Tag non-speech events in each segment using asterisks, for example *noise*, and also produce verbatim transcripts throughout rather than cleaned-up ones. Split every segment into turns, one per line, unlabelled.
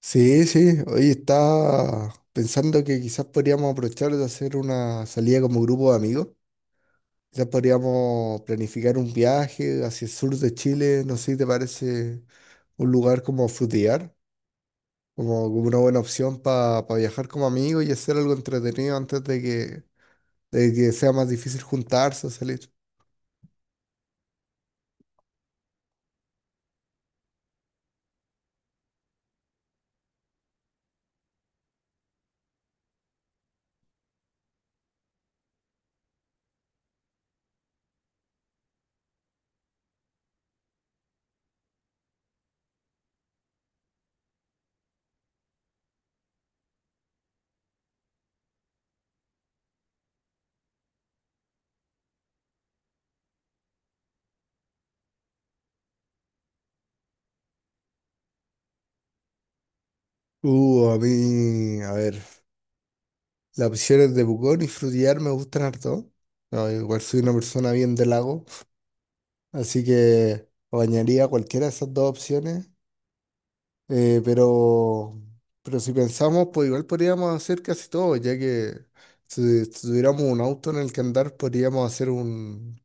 Sí, sí, hoy estaba pensando que quizás podríamos aprovechar de hacer una salida como grupo de amigos. Quizás podríamos planificar un viaje hacia el sur de Chile, no sé si te parece un lugar como Frutillar, como, como una buena opción para viajar como amigos y hacer algo entretenido antes de que, de que sea más difícil juntarse o salir. Uh, a mí, a ver. Las opciones de Pucón y Frutillar me gustan harto. No, igual soy una persona bien de lago, así que bañaría cualquiera de esas dos opciones. Eh, pero, pero si pensamos, pues igual podríamos hacer casi todo, ya que si, si tuviéramos un auto en el que andar, podríamos hacer un,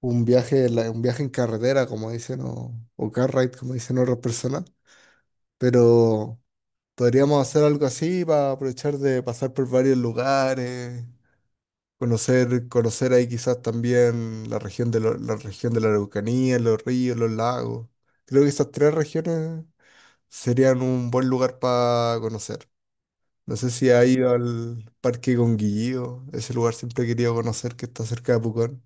un viaje, en la- un viaje en carretera, como dicen, o, o car ride, como dicen otras personas. Pero podríamos hacer algo así para aprovechar de pasar por varios lugares. Conocer, conocer ahí quizás también la región de la, la región de la Araucanía, los ríos, los lagos. Creo que esas tres regiones serían un buen lugar para conocer. No sé si ha ido al Parque Conguillío, ese lugar siempre he querido conocer, que está cerca de Pucón.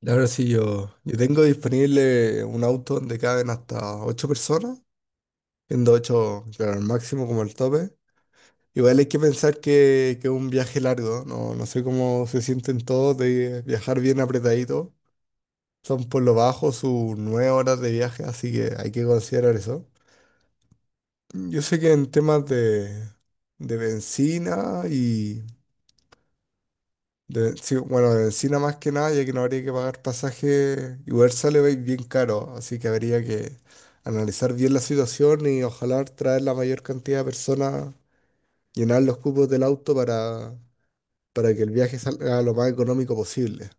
La verdad sí, yo, yo tengo disponible un auto donde caben hasta ocho personas, siendo ocho, claro, el máximo como el tope. Igual hay que pensar que, que es un viaje largo, no, no sé cómo se sienten todos de viajar bien apretadito. Son por lo bajo sus nueve horas de viaje, así que hay que considerar eso. Yo sé que en temas de, de bencina y de, sí, bueno, de bencina más que nada, ya que no habría que pagar pasaje, igual sale bi- bien caro, así que habría que analizar bien la situación y ojalá traer la mayor cantidad de personas, llenar los cupos del auto para para que el viaje salga lo más económico posible.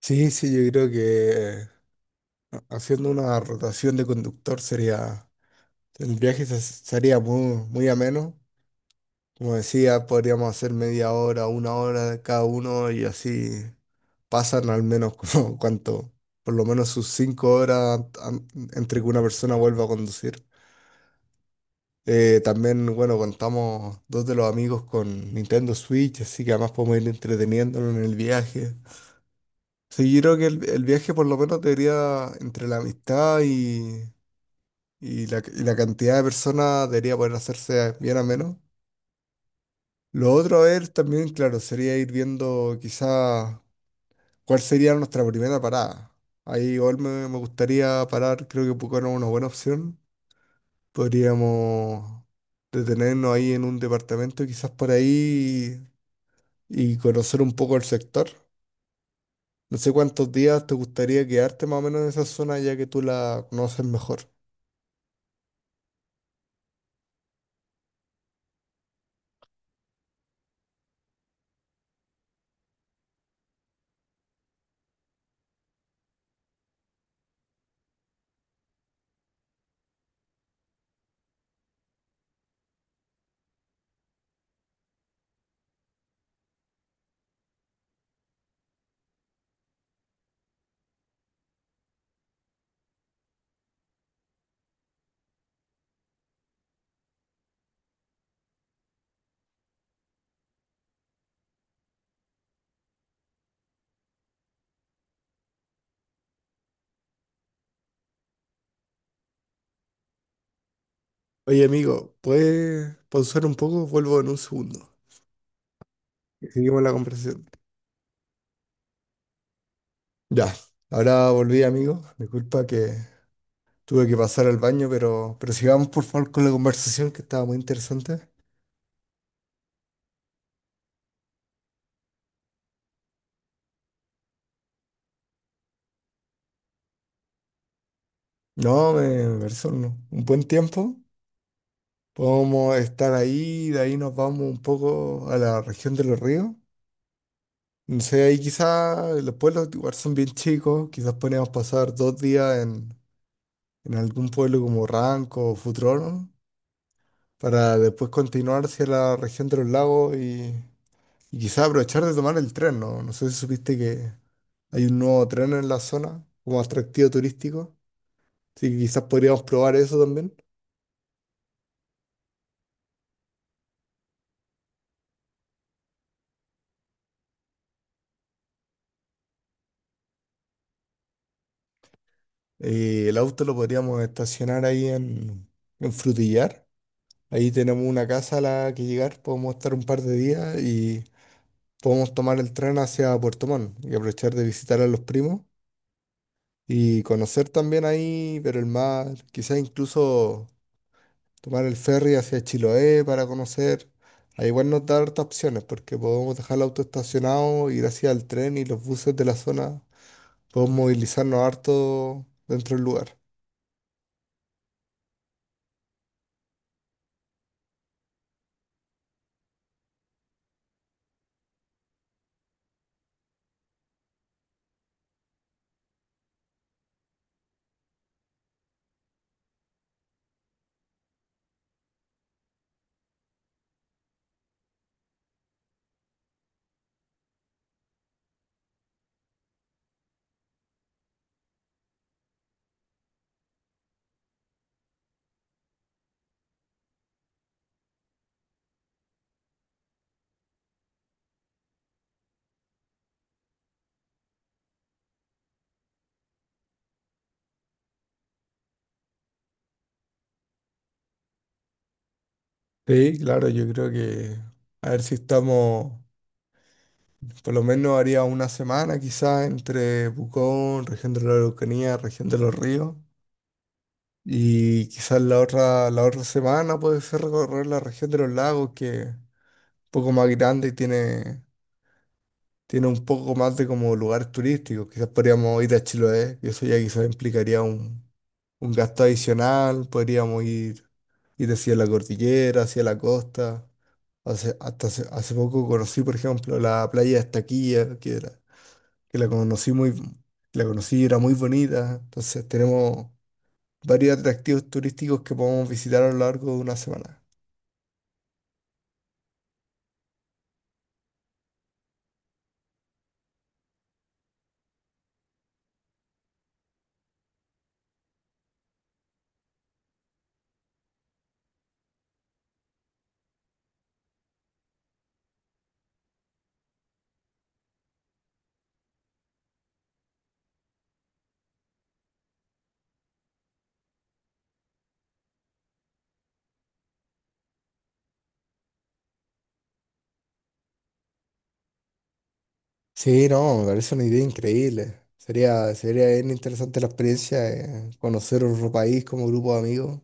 Sí, sí, yo creo que eh, haciendo una rotación de conductor sería, el viaje se- sería muy, muy ameno. Como decía, podríamos hacer media hora, una hora de cada uno y así pasan al menos *laughs* como cuánto, por lo menos sus cinco horas an- entre que una persona vuelva a conducir. Eh, también, bueno, contamos dos de los amigos con Nintendo Switch, así que además podemos ir entreteniéndonos en el viaje. Sí, yo creo que el, el viaje por lo menos debería, entre la amistad y, y la, y la cantidad de personas, debería poder hacerse bien a menos. Lo otro, a ver, también, claro, sería ir viendo quizá cuál sería nuestra primera parada. Ahí igual me, me gustaría parar, creo que Pucón es una buena opción. Podríamos detenernos ahí en un departamento, quizás por ahí, y conocer un poco el sector. No sé cuántos días te gustaría quedarte más o menos en esa zona ya que tú la conoces mejor. Oye, amigo, ¿puedes pausar un poco? Vuelvo en un segundo. Y seguimos la conversación. Ya, ahora volví, amigo. Disculpa que tuve que pasar al baño, pero, pero sigamos por favor con la conversación que estaba muy interesante. No, me pareció un, un buen tiempo. Podemos estar ahí, de ahí nos vamos un poco a la región de los ríos. No sé, ahí quizás los pueblos igual son bien chicos, quizás podríamos pasar dos días en, en algún pueblo como Ranco o Futrono para después continuar hacia la región de los lagos y, y quizás aprovechar de tomar el tren, ¿no? No sé si supiste que hay un nuevo tren en la zona como atractivo turístico, así que quizás podríamos probar eso también. Eh, el auto lo podríamos estacionar ahí en, en Frutillar. Ahí tenemos una casa a la que llegar, podemos estar un par de días y podemos tomar el tren hacia Puerto Montt y aprovechar de visitar a los primos y conocer también ahí, pero el mar, quizás incluso tomar el ferry hacia Chiloé para conocer. Ahí igual nos da hartas opciones porque podemos dejar el auto estacionado, ir hacia el tren y los buses de la zona. Podemos movilizarnos harto dentro del lugar. Sí, claro, yo creo que a ver si estamos, por lo menos haría una semana quizás entre Pucón, región de la Araucanía, región de los ríos. Y quizás la otra, la otra semana puede ser recorrer la región de los lagos, que es un poco más grande y tiene tiene un poco más de como lugares turísticos. Quizás podríamos ir a Chiloé, y eso ya quizás implicaría un, un gasto adicional. Podríamos ir, ir hacia la cordillera, hacia la costa. Hace, hasta hace, hace poco conocí, por ejemplo, la playa de Estaquilla, que, era- que la conocí muy, la conocí y era muy bonita. Entonces tenemos varios atractivos turísticos que podemos visitar a lo largo de una semana. Sí, no, me parece una idea increíble. Sería, sería bien interesante la experiencia, eh, conocer otro país como grupo de amigos,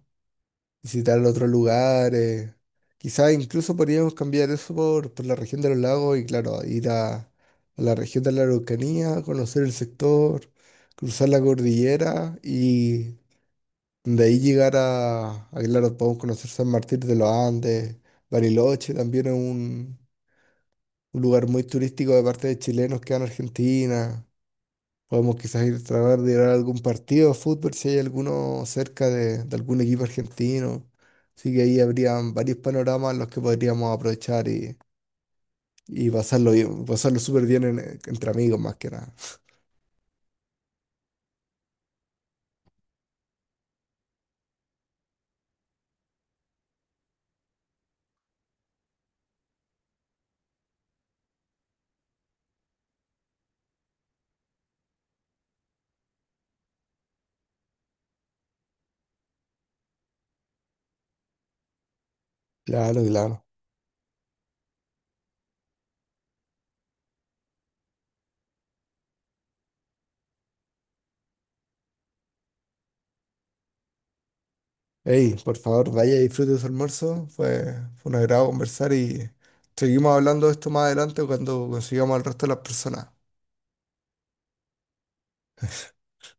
visitar otros lugares. Quizás incluso podríamos cambiar eso por, por la región de los lagos y claro, ir a, a la región de la Araucanía, conocer el sector, cruzar la cordillera y de ahí llegar a, a, claro, podemos conocer San Martín de los Andes, Bariloche, también es un, un lugar muy turístico de parte de chilenos que van a Argentina. Podemos quizás ir a tratar de ir a algún partido de fútbol si hay alguno cerca de, de algún equipo argentino. Así que ahí habrían varios panoramas los que podríamos aprovechar y, y pasarlo bien- pasarlo súper bien en- entre amigos más que nada. Claro, claro. Hey, por favor, vaya y disfrute de su almuerzo. Fue, fue un agrado conversar y seguimos hablando de esto más adelante cuando consigamos al resto de las personas.